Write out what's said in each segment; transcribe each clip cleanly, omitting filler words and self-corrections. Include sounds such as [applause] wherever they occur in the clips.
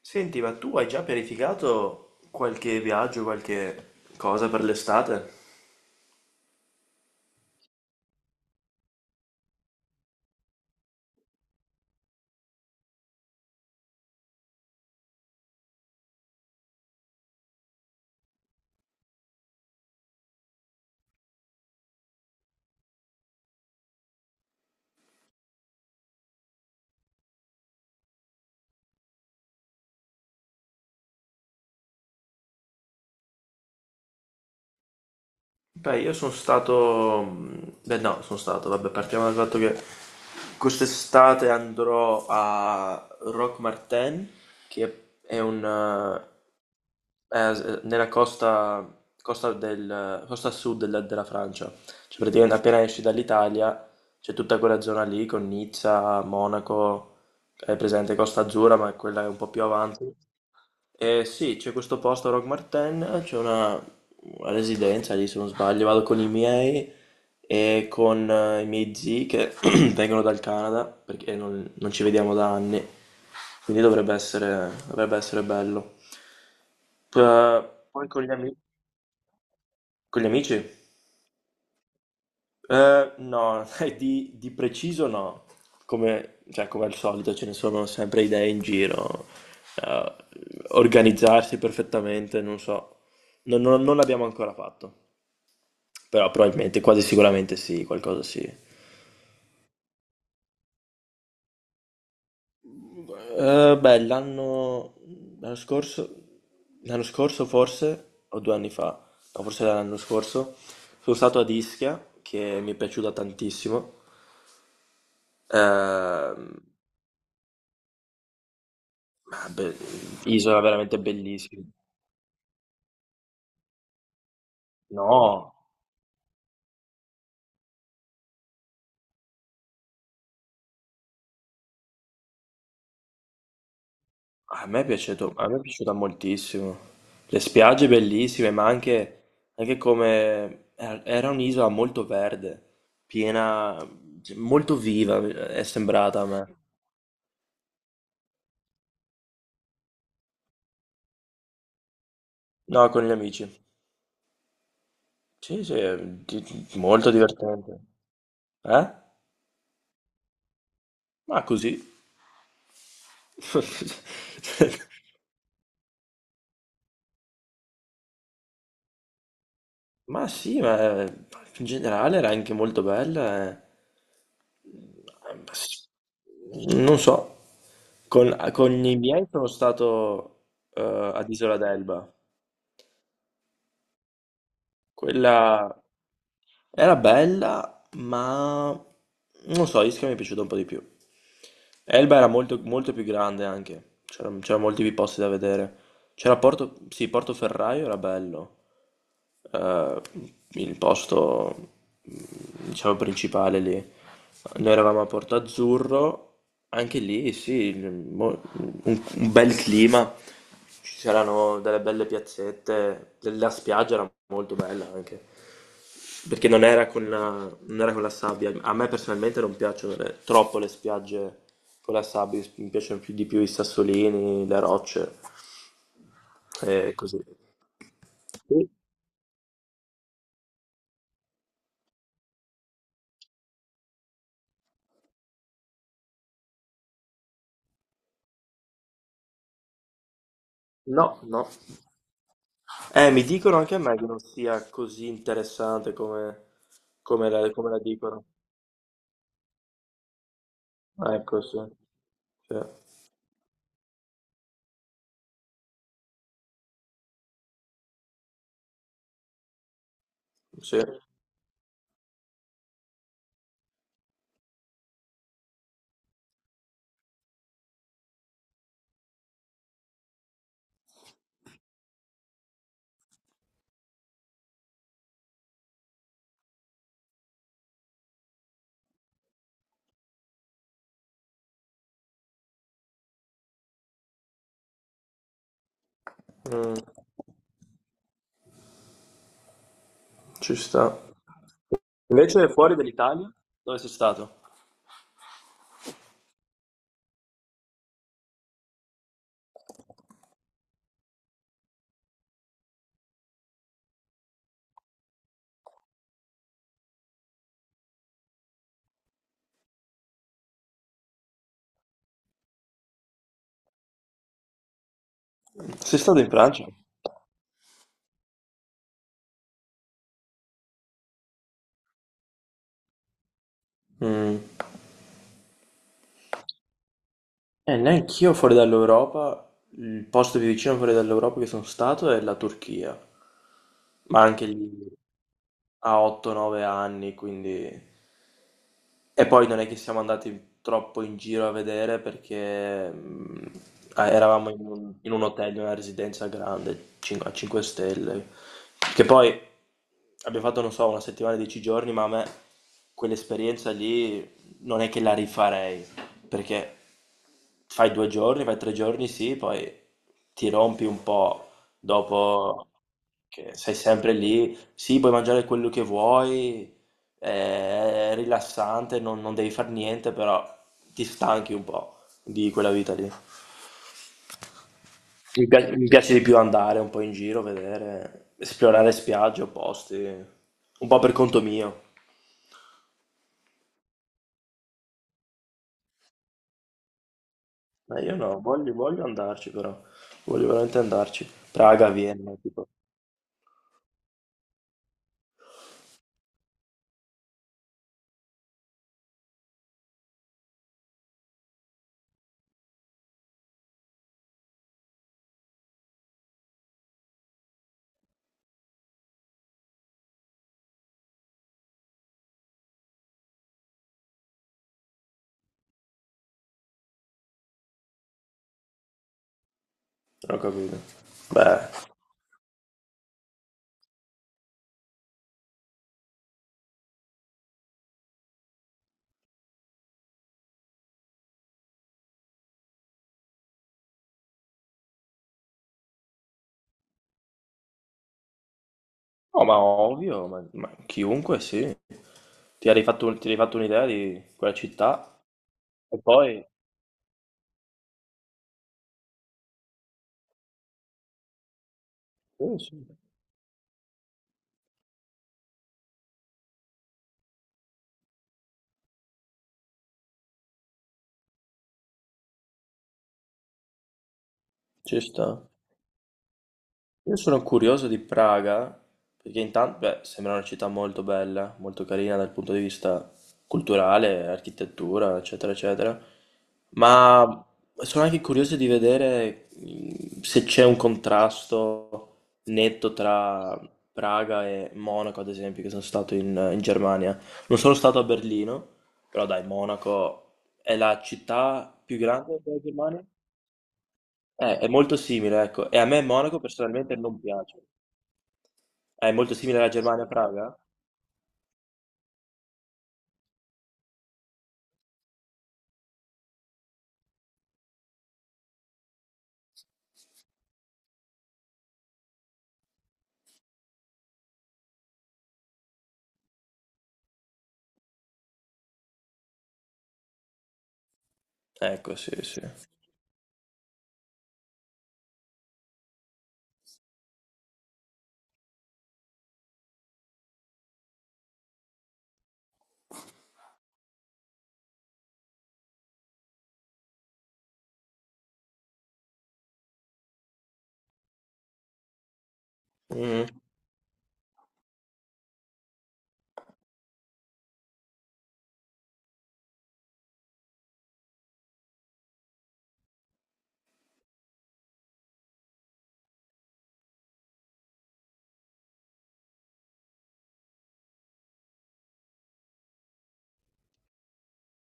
Senti, ma tu hai già pianificato qualche viaggio, qualche cosa per l'estate? Beh, io sono stato... Beh, no, sono stato, vabbè, partiamo dal fatto che quest'estate andrò a Roque Martin, che è un... è nella costa, costa sud della Francia. Cioè, praticamente appena esci dall'Italia c'è tutta quella zona lì con Nizza, Monaco, è presente Costa Azzurra, ma quella è un po' più avanti. Sì, c'è questo posto a Rock Martin, c'è una residenza lì se non sbaglio, vado con i miei e con i miei zii che [clears throat] vengono dal Canada perché non ci vediamo da anni, quindi dovrebbe essere bello. Poi con gli amici, con gli amici? No, [laughs] di preciso no, come al solito ce ne sono sempre idee in giro. Eh, organizzarsi perfettamente, non so, non l'abbiamo ancora fatto, però probabilmente, quasi sicuramente sì, qualcosa sì. Beh, l'anno scorso, l'anno scorso forse, o due anni fa, no, forse era l'anno scorso, sono stato ad Ischia, che mi è piaciuta tantissimo. Ehm, Ah, isola veramente bellissima. No, a me è piaciuto, a me è piaciuta moltissimo. Le spiagge bellissime, ma anche, anche come era un'isola molto verde, piena, cioè, molto viva, è sembrata a me. No, con gli amici. Sì, sì, è molto divertente. Eh? Ma così. [laughs] Ma sì, ma in generale era anche molto bella, eh. Non so, con i miei sono stato eh, ad Isola d'Elba. Quella era bella, ma non so, Ischia mi è piaciuta un po' di più. Elba era molto, molto più grande anche, c'erano molti più posti da vedere. C'era Porto, sì, Portoferraio era bello. Eh, il posto, mm, diciamo, principale lì. Noi eravamo a Porto Azzurro, anche lì, sì, un bel clima. Ci C'erano delle belle piazzette, la spiaggia era molto bella anche, perché non era con la sabbia. A me personalmente non piacciono troppo le spiagge con la sabbia, mi piacciono più di più i sassolini, le rocce. È così. Sì. No, no. Mi dicono anche a me che non sia così interessante come, come la dicono. Ecco, sì. Cioè, sì. Mm, ci sta. Invece fuori dall'Italia, dove sei stato? Sei stato in Francia? Mm. Neanch'io fuori dall'Europa, il posto più vicino fuori dall'Europa che sono stato è la Turchia, ma anche lì a 8-9 anni, quindi. E poi non è che siamo andati troppo in giro a vedere perché eravamo in in un hotel, in una residenza grande, a 5 stelle, che poi abbiamo fatto, non so, una settimana, 10 giorni, ma a me quell'esperienza lì non è che la rifarei, perché fai due giorni, fai tre giorni, sì, poi ti rompi un po' dopo che sei sempre lì, sì, puoi mangiare quello che vuoi, è rilassante, non devi fare niente, però ti stanchi un po' di quella vita lì. Mi piace di più andare un po' in giro, vedere, esplorare spiagge o posti, un po' per conto mio. Ma io no, voglio, voglio andarci però, voglio veramente andarci. Praga, Vienna, tipo, non ho capito. Beh, no, ma ovvio, ma chiunque sì. Ti eri fatto un'idea di quella città e poi... Sì, sì, ci sta. Io sono curioso di Praga, perché intanto, beh, sembra una città molto bella, molto carina dal punto di vista culturale, architettura, eccetera, eccetera, ma sono anche curioso di vedere se c'è un contrasto netto tra Praga e Monaco, ad esempio, che sono stato in Germania. Non sono stato a Berlino, però dai, Monaco è la città più grande della Germania. È molto simile, ecco, e a me Monaco personalmente non piace. È molto simile alla Germania a Praga? Ecco, sì, sì. Mm.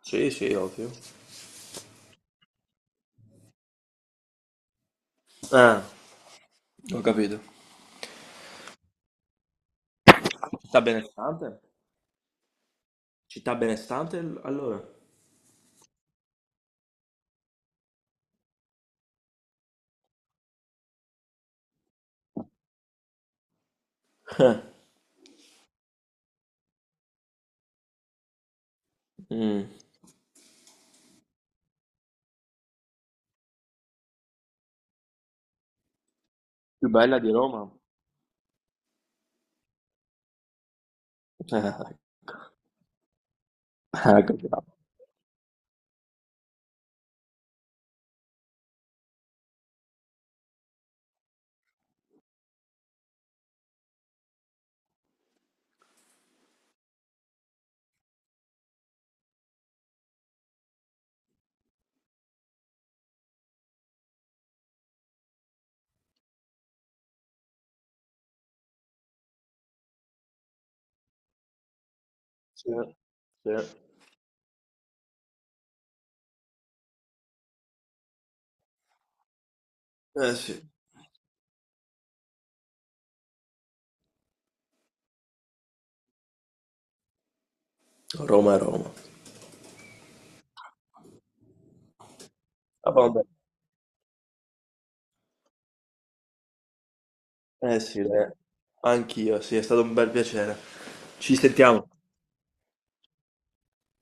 Sì, sì, ovvio. Ah, ho capito. Città benestante? Città benestante, allora? [laughs] Eh, mm. Più bella di Roma? [laughs] Ah, ah, capiamo. Sì, sì. Eh sì, Roma è Roma. Ah, vabbè. Eh sì, dai. Anch'io, sì, è stato un bel piacere. Ci sentiamo.